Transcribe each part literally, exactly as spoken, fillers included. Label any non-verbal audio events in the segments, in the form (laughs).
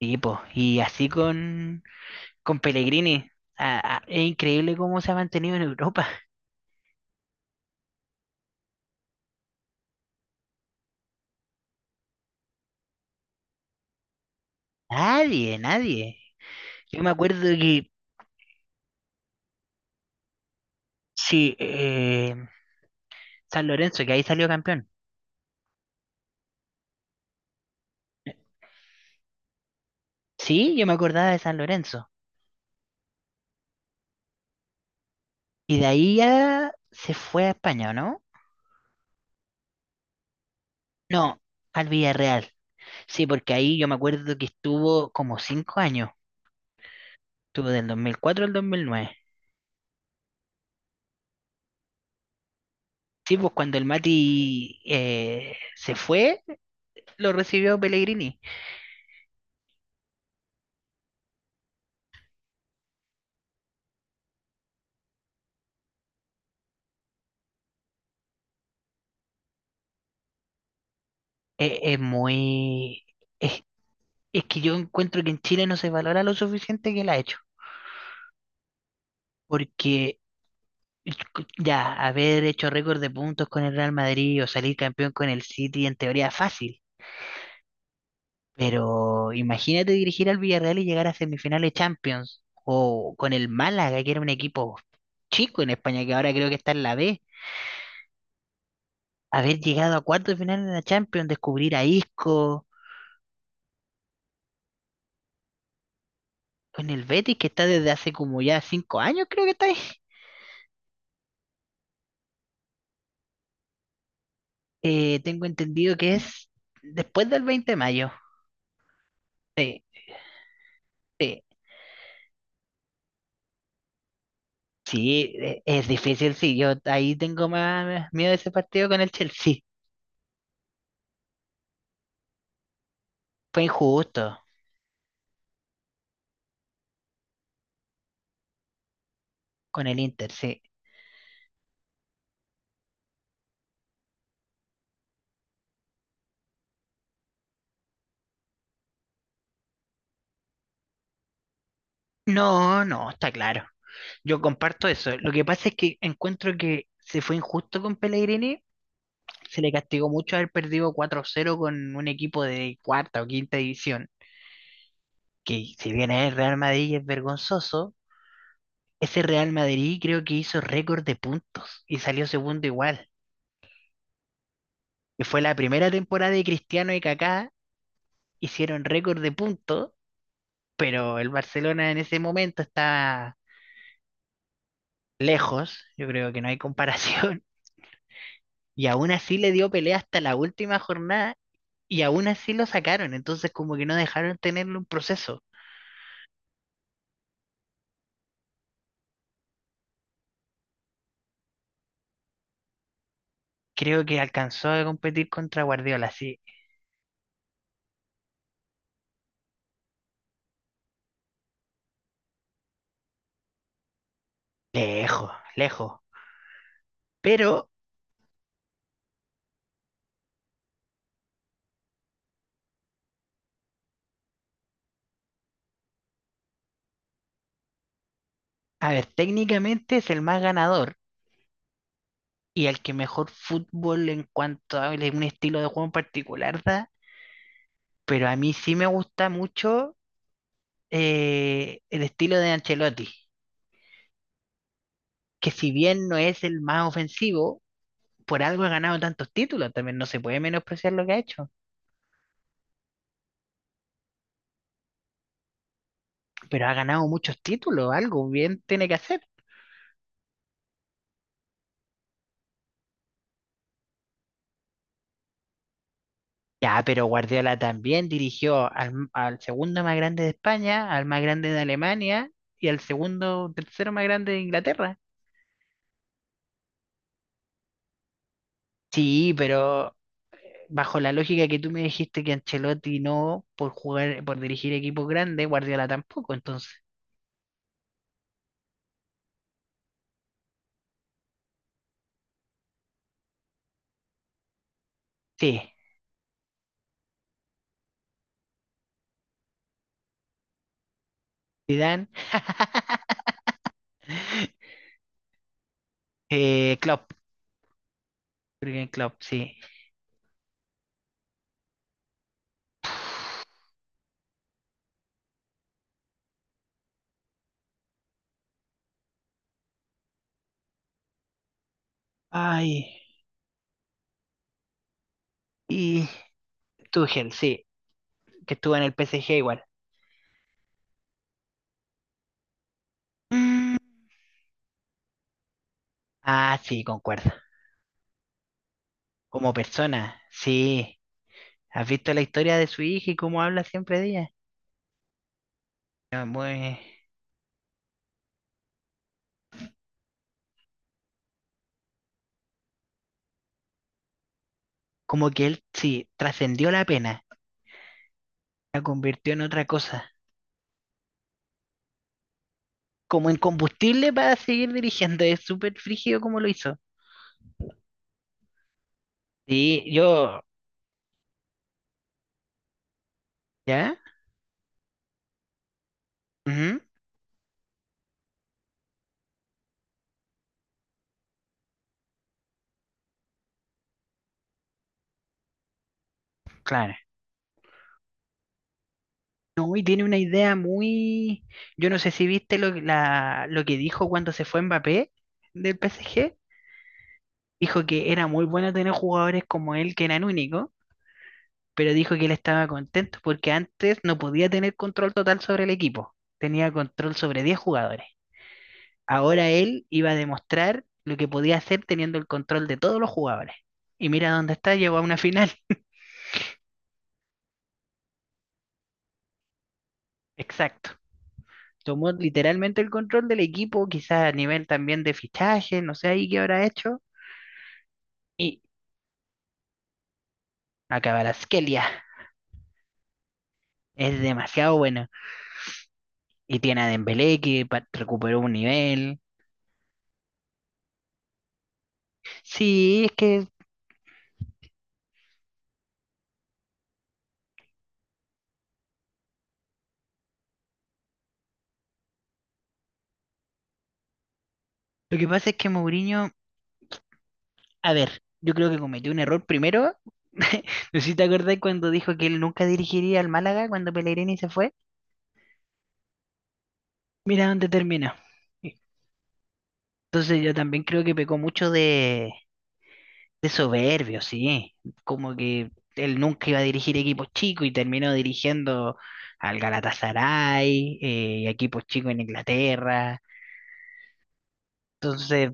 Sí, po. Y así con, con Pellegrini. Ah, ah, es increíble cómo se ha mantenido en Europa. (laughs) Nadie, nadie. Yo me acuerdo que sí, eh, San Lorenzo, que ahí salió campeón. Sí, yo me acordaba de San Lorenzo. Y de ahí ya se fue a España, ¿o ¿no? No, al Villarreal. Sí, porque ahí yo me acuerdo que estuvo como cinco años. Estuvo del dos mil cuatro al dos mil nueve. Sí, pues cuando el Mati eh, se fue, lo recibió Pellegrini. Es, es muy... Es, es que yo encuentro que en Chile no se valora lo suficiente que la ha hecho. Porque ya, haber hecho récord de puntos con el Real Madrid o salir campeón con el City en teoría es fácil. Pero imagínate dirigir al Villarreal y llegar a semifinales Champions. O con el Málaga, que era un equipo chico en España, que ahora creo que está en la B. Haber llegado a cuartos de final en la Champions, descubrir a Isco. Con el Betis, que está desde hace como ya cinco años, creo que está ahí. Eh, tengo entendido que es después del veinte de mayo. Sí, sí, sí, e- es difícil, sí. Yo ahí tengo más miedo de ese partido con el Chelsea. Fue injusto con el Inter, sí. No, no, está claro. Yo comparto eso. Lo que pasa es que encuentro que se fue injusto con Pellegrini. Se le castigó mucho haber perdido cuatro cero con un equipo de cuarta o quinta división, que si bien es el Real Madrid y es vergonzoso. Ese Real Madrid creo que hizo récord de puntos y salió segundo igual. Y fue la primera temporada de Cristiano y Kaká, hicieron récord de puntos, pero el Barcelona en ese momento estaba lejos, yo creo que no hay comparación, (laughs) y aún así le dio pelea hasta la última jornada, y aún así lo sacaron, entonces como que no dejaron tenerle un proceso. Creo que alcanzó a competir contra Guardiola, sí, lejos, lejos. Pero, a ver, técnicamente es el más ganador y al que mejor fútbol en cuanto a un estilo de juego en particular da, pero a mí sí me gusta mucho eh, el estilo de Ancelotti, que si bien no es el más ofensivo, por algo ha ganado tantos títulos, también no se puede menospreciar lo que ha hecho, pero ha ganado muchos títulos, algo bien tiene que hacer. Ya, pero Guardiola también dirigió al, al segundo más grande de España, al más grande de Alemania y al segundo, tercero más grande de Inglaterra. Sí, pero bajo la lógica que tú me dijiste que Ancelotti no por jugar, por dirigir equipos grandes, Guardiola tampoco, entonces, sí, Zidane, (laughs) eh, Klopp, Jürgen Klopp, sí. Ay, y Tuchel, sí, que estuvo en el P S G igual. Mm. Ah, sí, concuerdo. Como persona, sí. ¿Has visto la historia de su hija y cómo habla siempre de ella? Ah, muy- Como que él, sí, trascendió la pena, la convirtió en otra cosa. Como en combustible para seguir dirigiendo. Es súper frígido como lo hizo. Sí, yo, ¿ya? Ujú, claro. No, y tiene una idea muy... Yo no sé si viste lo, que- la, lo que dijo cuando se fue Mbappé del P S G. Dijo que era muy bueno tener jugadores como él, que eran únicos, pero dijo que él estaba contento porque antes no podía tener control total sobre el equipo. Tenía control sobre diez jugadores. Ahora él iba a demostrar lo que podía hacer teniendo el control de todos los jugadores. Y mira dónde está, llegó a una final. (laughs) Exacto. Tomó literalmente el control del equipo, quizás a nivel también de fichaje, no sé ahí qué habrá hecho. Y Kvaratskhelia es demasiado bueno. Y tiene a Dembélé que pa- recuperó un nivel. Sí, es que lo que pasa es que Mourinho, a ver, yo creo que cometió un error primero. (laughs) No sé si te acordás cuando dijo que él nunca dirigiría al Málaga cuando Pellegrini se fue. Mira dónde termina. Entonces yo también creo que pecó mucho de, de soberbio, sí. Como que él nunca iba a dirigir equipos chicos y terminó dirigiendo al Galatasaray, eh, y a equipos chicos en Inglaterra. Entonces,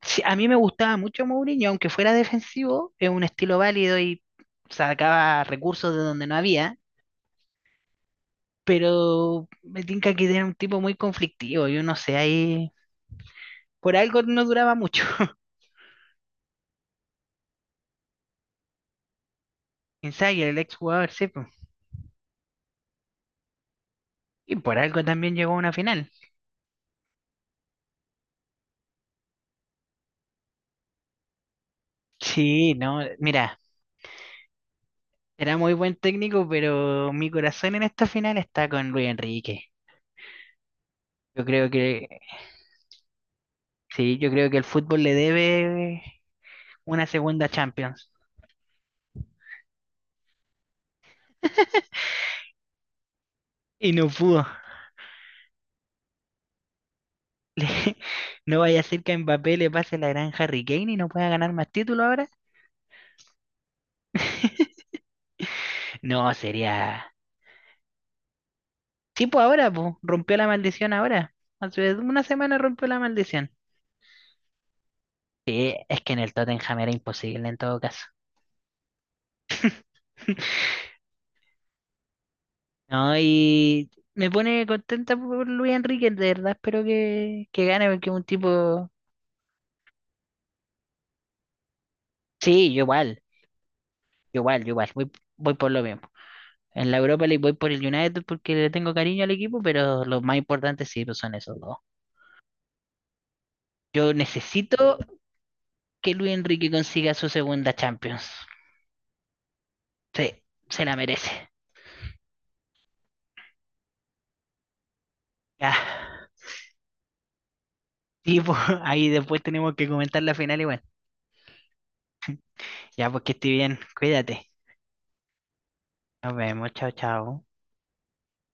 sí, a mí me gustaba mucho Mourinho, aunque fuera defensivo, es un estilo válido y sacaba recursos de donde no había, pero me tinca que era un tipo muy conflictivo, yo no sé, ahí por algo no duraba mucho. (laughs) Insider, el ex jugador, sí, po. Y por algo también llegó a una final. Sí, no, mira, era muy buen técnico, pero mi corazón en esta final está con Luis Enrique. Yo creo que, sí, yo creo que el fútbol le debe una segunda Champions. (laughs) Y no pudo. Le- (laughs) no vaya a ser que a Mbappé le pase la gran Harry Kane y no pueda ganar más títulos ahora. (laughs) No, sería. Sí, pues ahora, pues, rompió la maldición ahora. Hace una semana rompió la maldición. Sí, es que en el Tottenham era imposible en todo caso. (laughs) No, y me pone contenta por Luis Enrique, de verdad espero que, que gane, porque es un tipo. Sí, yo igual, yo igual, yo igual, voy, voy por lo mismo. En la Europa le voy por el United porque le tengo cariño al equipo, pero los más importantes sí pues son esos dos. Yo necesito que Luis Enrique consiga su segunda Champions. Sí, se la merece. Ya. Y pues, (laughs) ahí después tenemos que comentar la final igual. Ya, pues que esté bien, cuídate. Nos vemos, chao, chao.